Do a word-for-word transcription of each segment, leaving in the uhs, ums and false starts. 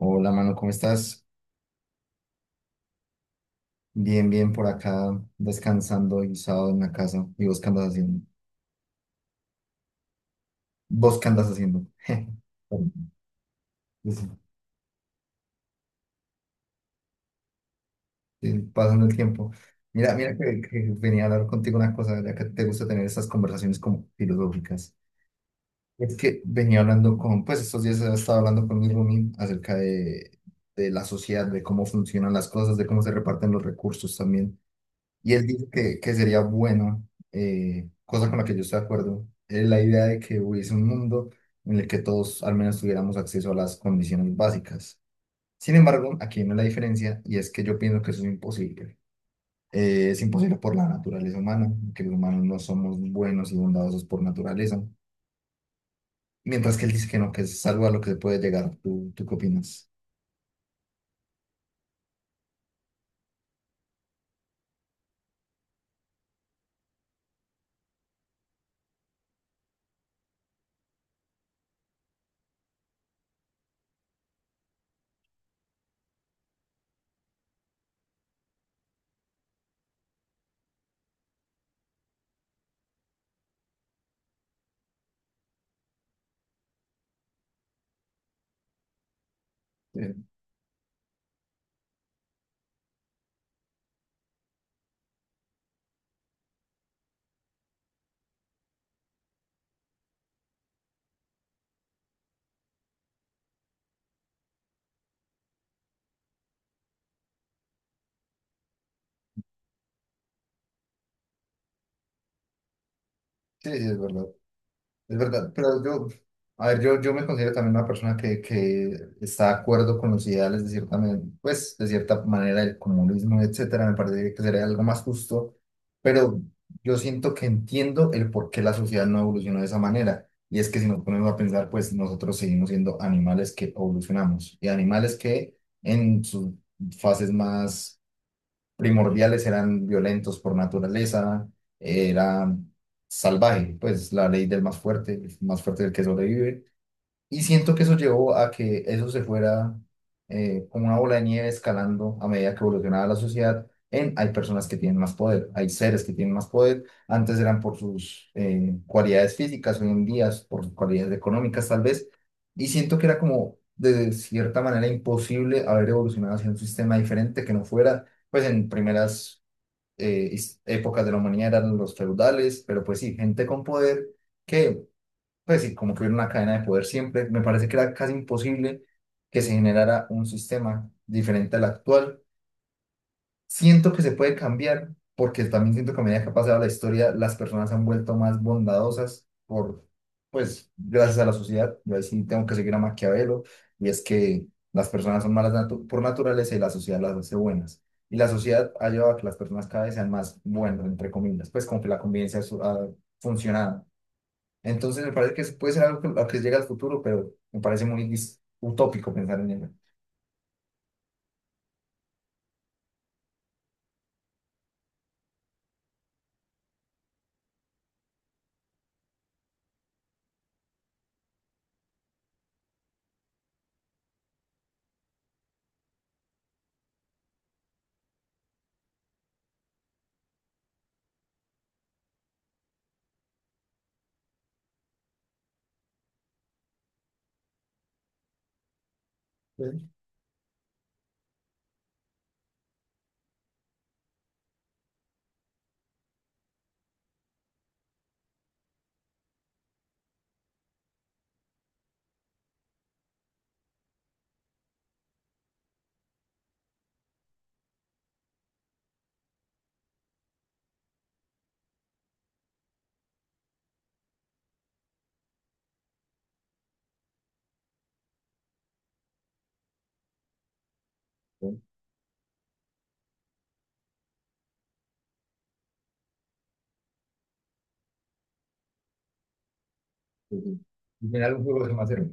Hola, mano, ¿cómo estás? Bien, bien por acá, descansando y sábado en la casa. ¿Y vos qué andas haciendo? ¿Vos qué andas haciendo? Perdón. Sí, sí, pasando el tiempo. Mira, mira que, que venía a hablar contigo una cosa, ya que te gusta tener estas conversaciones como filosóficas. Es que venía hablando con, pues estos días estaba hablando con mi roomie acerca de, de la sociedad, de cómo funcionan las cosas, de cómo se reparten los recursos también. Y él dice que, que sería bueno, eh, cosa con la que yo estoy de acuerdo, es la idea de que hubiese un mundo en el que todos al menos tuviéramos acceso a las condiciones básicas. Sin embargo, aquí viene la diferencia y es que yo pienso que eso es imposible. Eh, es imposible por la naturaleza humana, que los humanos no somos buenos y bondadosos por naturaleza. Mientras que él dice que no, que es algo a lo que se puede llegar. ¿Tú, tú qué opinas? Sí, sí, sí, es verdad. Es verdad, pero yo, a ver, yo, yo me considero también una persona que, que está de acuerdo con los ideales de cierta, men- pues, de cierta manera, el comunismo, etcétera. Me parece que sería algo más justo, pero yo siento que entiendo el por qué la sociedad no evolucionó de esa manera. Y es que si nos ponemos a pensar, pues nosotros seguimos siendo animales que evolucionamos y animales que en sus fases más primordiales eran violentos por naturaleza, era salvaje, pues la ley del más fuerte, el más fuerte es el que sobrevive. Y siento que eso llevó a que eso se fuera eh, como una bola de nieve escalando a medida que evolucionaba la sociedad en hay personas que tienen más poder, hay seres que tienen más poder. Antes eran por sus eh, cualidades físicas, hoy en día es por sus cualidades económicas tal vez. Y siento que era como de cierta manera imposible haber evolucionado hacia un sistema diferente que no fuera, pues en primeras eh, his- épocas de la humanidad eran los feudales, pero pues sí, gente con poder que pues sí, como que hubiera una cadena de poder siempre. Me parece que era casi imposible que se generara un sistema diferente al actual. Siento que se puede cambiar, porque también siento que a medida que ha pasado la historia, las personas se han vuelto más bondadosas por, pues, gracias a la sociedad. Yo ahí sí tengo que seguir a Maquiavelo, y es que las personas son malas natu- por naturaleza y la sociedad las hace buenas. Y la sociedad ha llevado a que las personas cada vez sean más buenas, entre comillas, pues como que la convivencia su- ha funcionado, entonces me parece que eso puede ser algo que, a lo que llega al futuro, pero me parece muy dis- utópico pensar en ello. Sí. Sí, sí, sí. Al final un juego de más cero.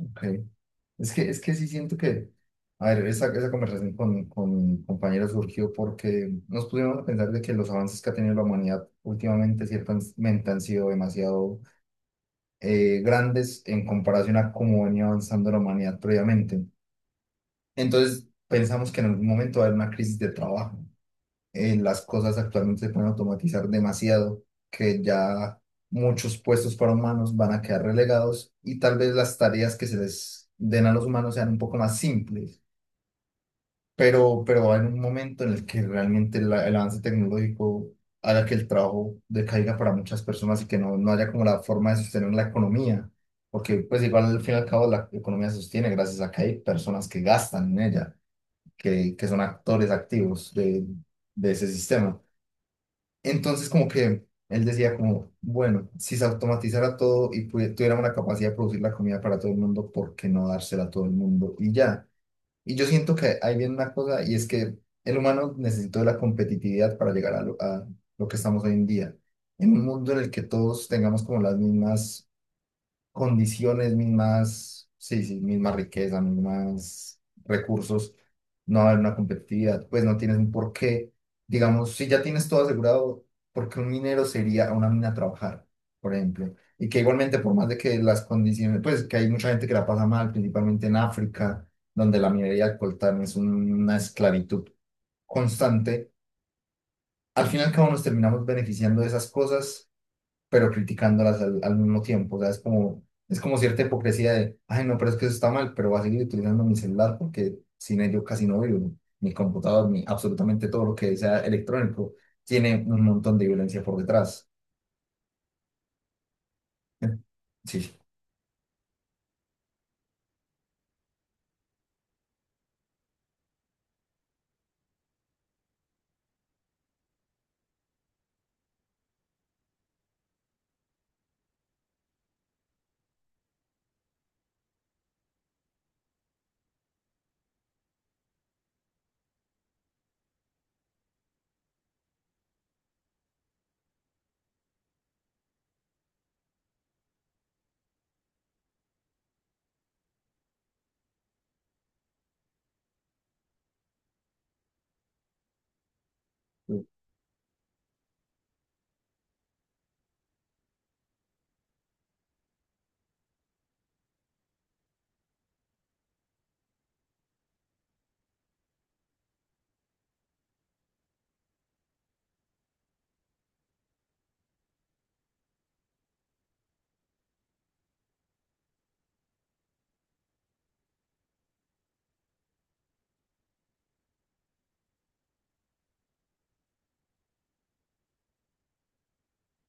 Ok. Es que, es que sí siento que, a ver, esa, esa conversación con, con compañeros surgió porque nos pusimos a pensar de que los avances que ha tenido la humanidad últimamente ciertamente han sido demasiado eh, grandes en comparación a cómo venía avanzando la humanidad previamente. Entonces pensamos que en algún momento va a haber una crisis de trabajo, eh, las cosas actualmente se pueden automatizar demasiado, que ya muchos puestos para humanos van a quedar relegados y tal vez las tareas que se les den a los humanos sean un poco más simples, pero, pero va a haber un momento en el que realmente la- el avance tecnológico haga que el trabajo decaiga para muchas personas y que no, no haya como la forma de sostener la economía. Porque pues igual al fin y al cabo la economía se sostiene gracias a que hay personas que gastan en ella, que, que son actores activos de, de ese sistema. Entonces, como que él decía como, bueno, si se automatizara todo y pudi- tuviéramos la capacidad de producir la comida para todo el mundo, ¿por qué no dársela a todo el mundo? Y ya. Y yo siento que ahí viene una cosa y es que el humano necesitó de la competitividad para llegar a lo, a lo que estamos hoy en día. En un mundo en el que todos tengamos como las mismas condiciones, mismas, sí, sí, misma riqueza, mismas recursos, no va a haber una competitividad, pues no tienes un porqué, digamos, si ya tienes todo asegurado, ¿porque un minero sería a una mina a trabajar, por ejemplo? Y que igualmente, por más de que las condiciones, pues que hay mucha gente que la pasa mal, principalmente en África, donde la minería de coltán es un- una esclavitud constante, al final cada uno nos terminamos beneficiando de esas cosas pero criticándolas al, al mismo tiempo. O sea, es como, es como cierta hipocresía de, ay, no, pero es que eso está mal, pero voy a seguir utilizando mi celular porque sin ello casi no vivo. Mi computador, mi, absolutamente todo lo que sea electrónico, tiene un montón de violencia por detrás. Sí.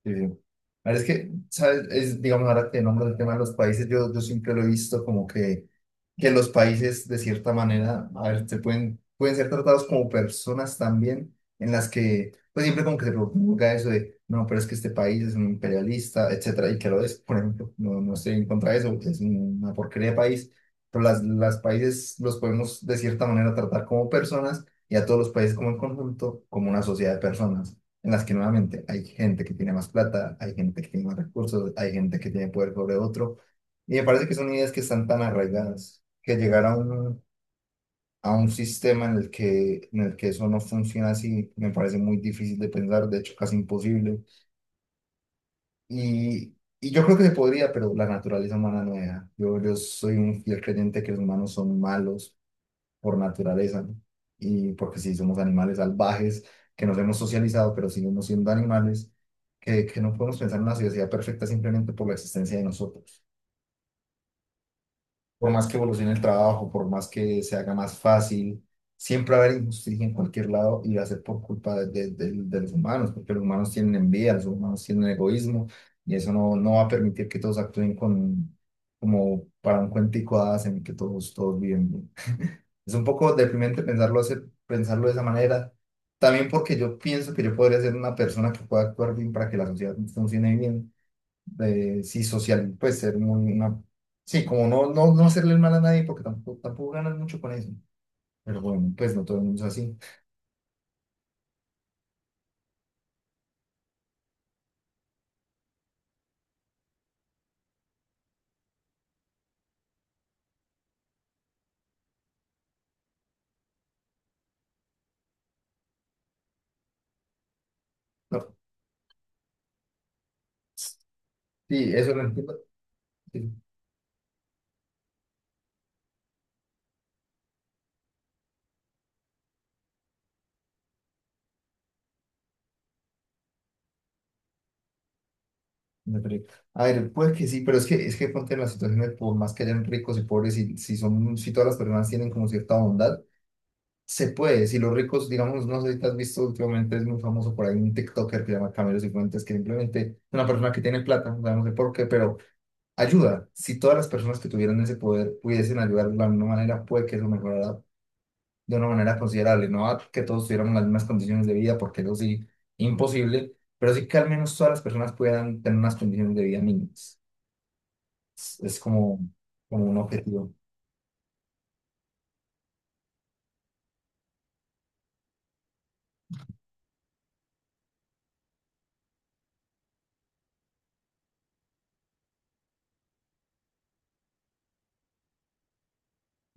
Sí, sí. A ver, es que, ¿sabes? Es, digamos, ahora que nombras el tema de los países, yo, yo siempre lo he visto como que, que los países, de cierta manera, a ver, se pueden, pueden ser tratados como personas también, en las que, pues siempre como que se proponga eso de, no, pero es que este país es un imperialista, etcétera, y que lo es, por ejemplo, no, no estoy en contra de eso, es una porquería de país, pero las, las países los podemos, de cierta manera, tratar como personas y a todos los países como en conjunto, como una sociedad de personas en las que nuevamente hay gente que tiene más plata, hay gente que tiene más recursos, hay gente que tiene poder sobre otro. Y me parece que son ideas que están tan arraigadas que llegar a un, a un sistema en el que, en el que eso no funciona así me parece muy difícil de pensar, de hecho casi imposible. Y, y yo creo que se podría, pero la naturaleza humana no deja. Yo, yo soy un fiel creyente que los humanos son malos por naturaleza, ¿no? Y porque sí somos animales salvajes, que nos hemos socializado, pero seguimos siendo animales, que, que no podemos pensar en una sociedad perfecta simplemente por la existencia de nosotros. Por más que evolucione el trabajo, por más que se haga más fácil, siempre va a haber injusticia en cualquier lado y va a ser por culpa de, de- de- de los humanos, porque los humanos tienen envidia, los humanos tienen egoísmo, y eso no, no va a permitir que todos actúen con, como para un cuentico de hadas en el que todos, todos viven bien. Es un poco deprimente pensarlo, hacer- pensarlo de esa manera. También porque yo pienso que yo podría ser una persona que pueda actuar bien para que la sociedad funcione bien. De sí, social, pues ser muy una... Sí, como no, no, no hacerle el mal a nadie porque tampoco, tampoco ganas mucho con eso. Pero bueno, pues no todo el mundo es así. No. Sí, eso lo entiendo. Sí, me perdí. A ver, puede que sí, pero es que es que ponte en las situaciones por más que hayan ricos y pobres, si, si son, si todas las personas tienen como cierta bondad. Se puede, si los ricos, digamos, no sé si te has visto últimamente, es muy famoso por ahí un TikToker que se llama Camilo Cifuentes, que simplemente es una persona que tiene plata, o sea, no sé por qué, pero ayuda. Si todas las personas que tuvieran ese poder pudiesen ayudar de la misma manera, puede que eso mejorara de una manera considerable. No a que todos tuviéramos las mismas condiciones de vida, porque eso sí, imposible, pero sí que al menos todas las personas pudieran tener unas condiciones de vida mínimas. Es, es como, como un objetivo.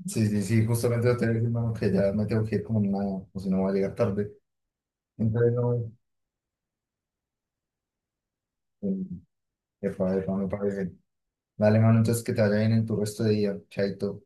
Sí, sí, sí, justamente lo te voy a decir, hermano, que ya me tengo que ir como nada, o si no voy a llegar tarde. Entonces, no, eh, epa, epa, me parece. Dale, mano, entonces que te vaya bien en tu resto de día. Chaito.